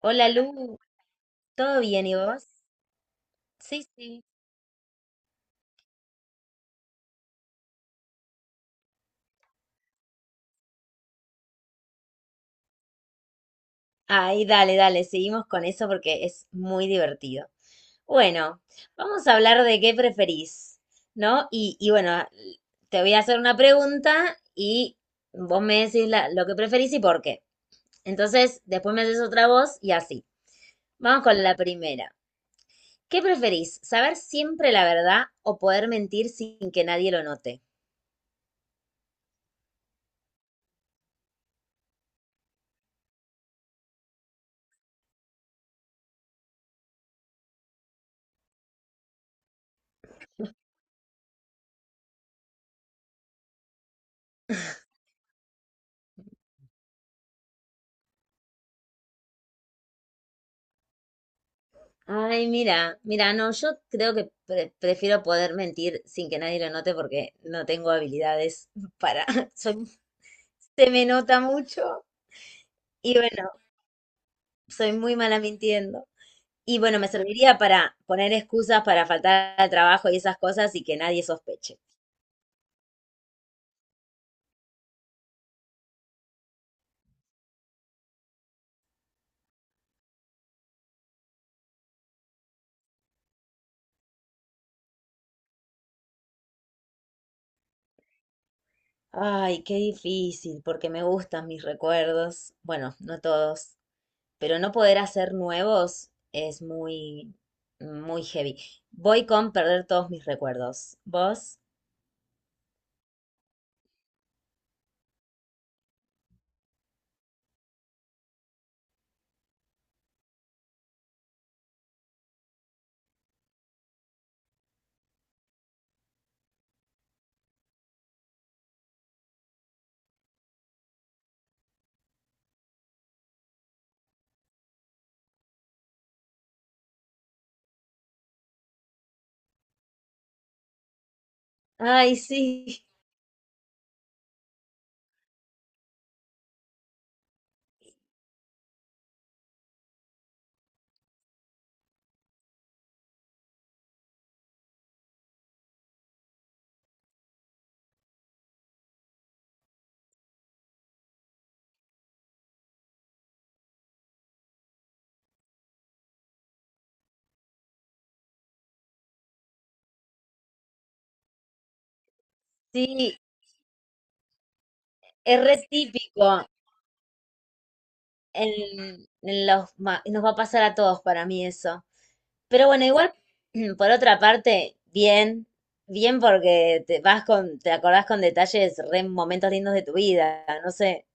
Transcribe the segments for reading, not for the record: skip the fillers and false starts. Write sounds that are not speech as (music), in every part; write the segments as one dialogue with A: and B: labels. A: Hola Lu, ¿todo bien y vos? Sí, sí. Ay, dale, dale, seguimos con eso porque es muy divertido. Bueno, vamos a hablar de qué preferís, ¿no? Y bueno, te voy a hacer una pregunta y vos me decís lo que preferís y por qué. Entonces, después me haces otra voz y así. Vamos con la primera. ¿Qué preferís? ¿Saber siempre la verdad o poder mentir sin que nadie lo note? Ay, mira, mira, no, yo creo que prefiero poder mentir sin que nadie lo note porque no tengo habilidades para, (laughs) soy- se me nota mucho y bueno, soy muy mala mintiendo. Y bueno, me serviría para poner excusas para faltar al trabajo y esas cosas y que nadie sospeche. Ay, qué difícil, porque me gustan mis recuerdos. Bueno, no todos, pero no poder hacer nuevos es muy, muy heavy. Voy con perder todos mis recuerdos. ¿Vos? Ay, sí, sí, es re típico nos va a pasar a todos para mí eso. Pero bueno, igual, (clears throat) por otra parte, bien, bien porque te vas con, te acordás con detalles, re momentos lindos de tu vida, no sé.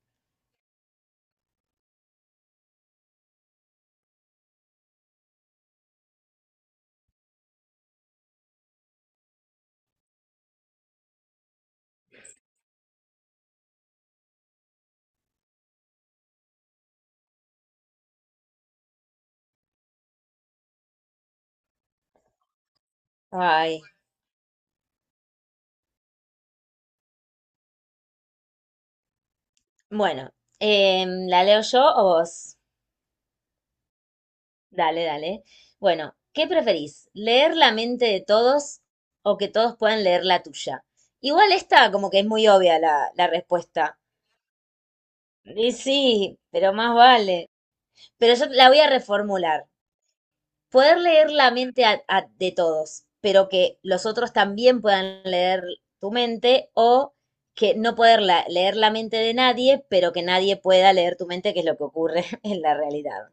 A: Ay, bueno, ¿la leo yo o vos? Dale, dale. Bueno, ¿qué preferís? ¿Leer la mente de todos o que todos puedan leer la tuya? Igual esta como que es muy obvia la respuesta. Y sí, pero más vale. Pero yo la voy a reformular. Poder leer la mente de todos, pero que los otros también puedan leer tu mente o que no poder leer la mente de nadie, pero que nadie pueda leer tu mente, que es lo que ocurre (laughs) en la realidad.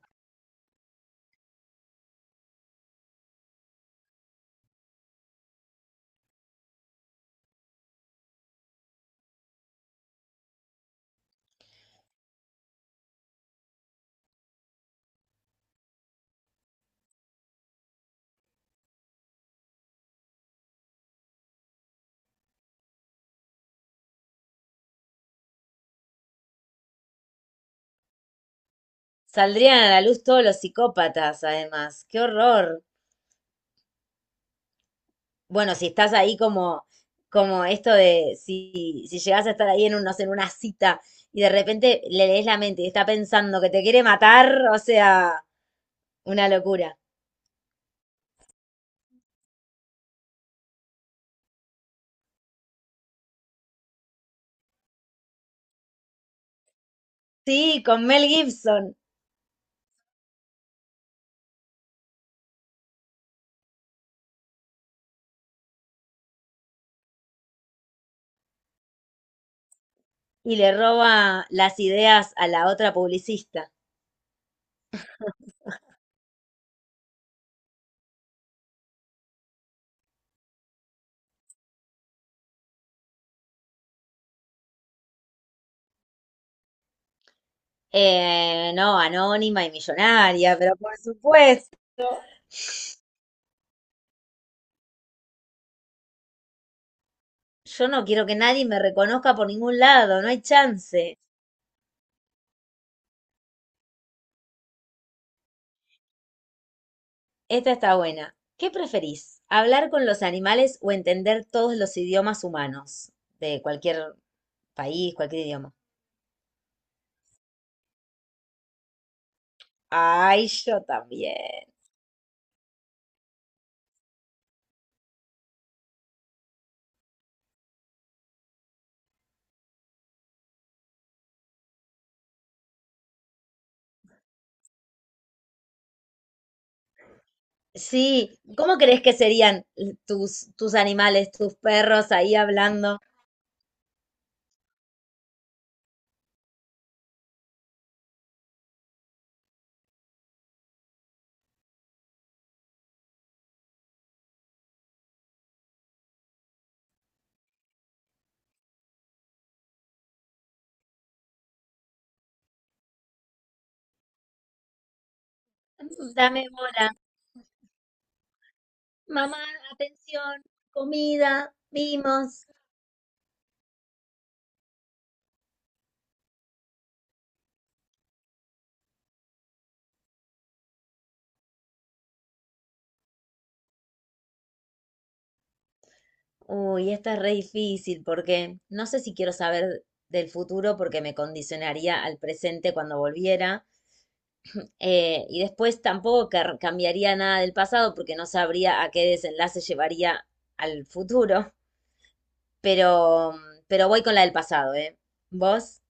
A: Saldrían a la luz todos los psicópatas, además. ¡Qué horror! Bueno, si estás ahí como esto de si llegas a estar ahí en un, no sé, en una cita y de repente le lees la mente y está pensando que te quiere matar, o sea, una locura. Sí, con Mel Gibson y le roba las ideas a la otra publicista. No, anónima y millonaria, pero por supuesto. Yo no quiero que nadie me reconozca por ningún lado, no hay chance. Esta está buena. ¿Qué preferís? ¿Hablar con los animales o entender todos los idiomas humanos de cualquier país, cualquier idioma? Ay, yo también. Sí, ¿cómo crees que serían tus animales, tus perros ahí hablando? Dame bola, mamá, atención, comida, mimos. Uy, esta es re difícil porque no sé si quiero saber del futuro porque me condicionaría al presente cuando volviera. (clears throat) Y después tampoco cambiaría nada del pasado porque no sabría a qué desenlace llevaría al futuro. (laughs) Pero, pero voy con la del pasado, ¿eh? ¿Vos?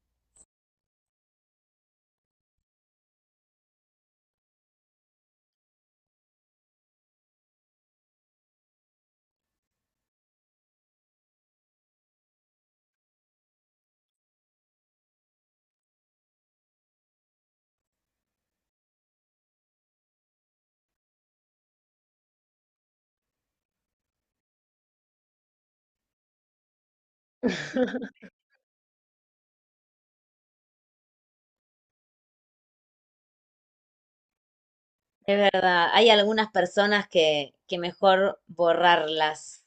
A: Es verdad, hay algunas personas que mejor borrarlas.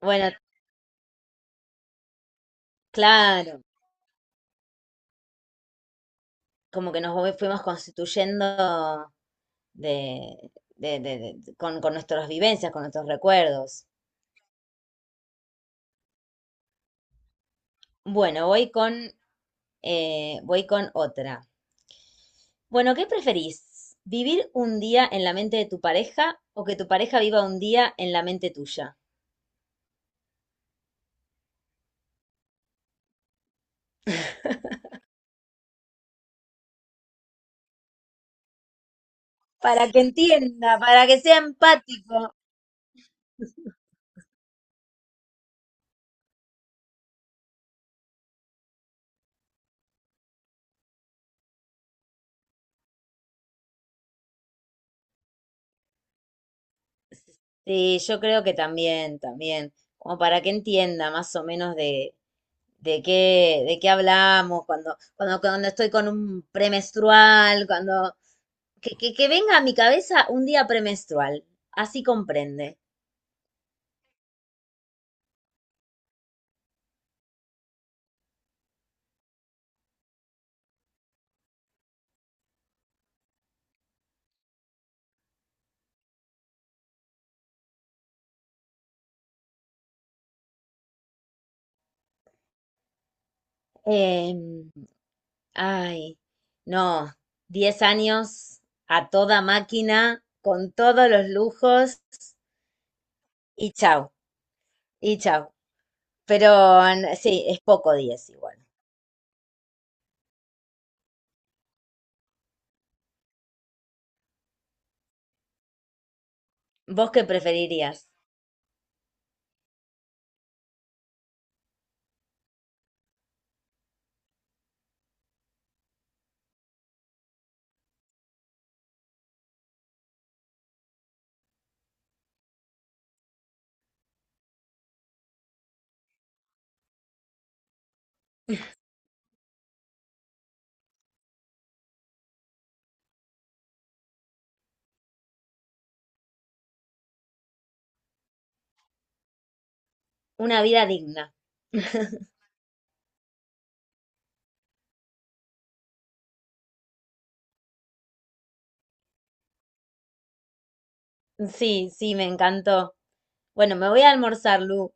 A: Bueno, claro, como que nos fuimos constituyendo de, con nuestras vivencias, con nuestros recuerdos. Bueno, voy con otra. Bueno, ¿qué preferís? ¿Vivir un día en la mente de tu pareja o que tu pareja viva un día en la mente tuya? Para que entienda, para que sea empático. (laughs) Sí, yo creo que también, también, como para que entienda más o menos de qué hablamos, cuando estoy con un premenstrual, que venga a mi cabeza un día premenstrual. Así comprende. Em, Ay, no, 10 años a toda máquina, con todos los lujos y chau, y chau. Pero sí, es poco 10 igual. ¿Vos qué preferirías? Una vida digna. (laughs) Sí, sí, me encantó. Bueno, me voy a almorzar, Lu.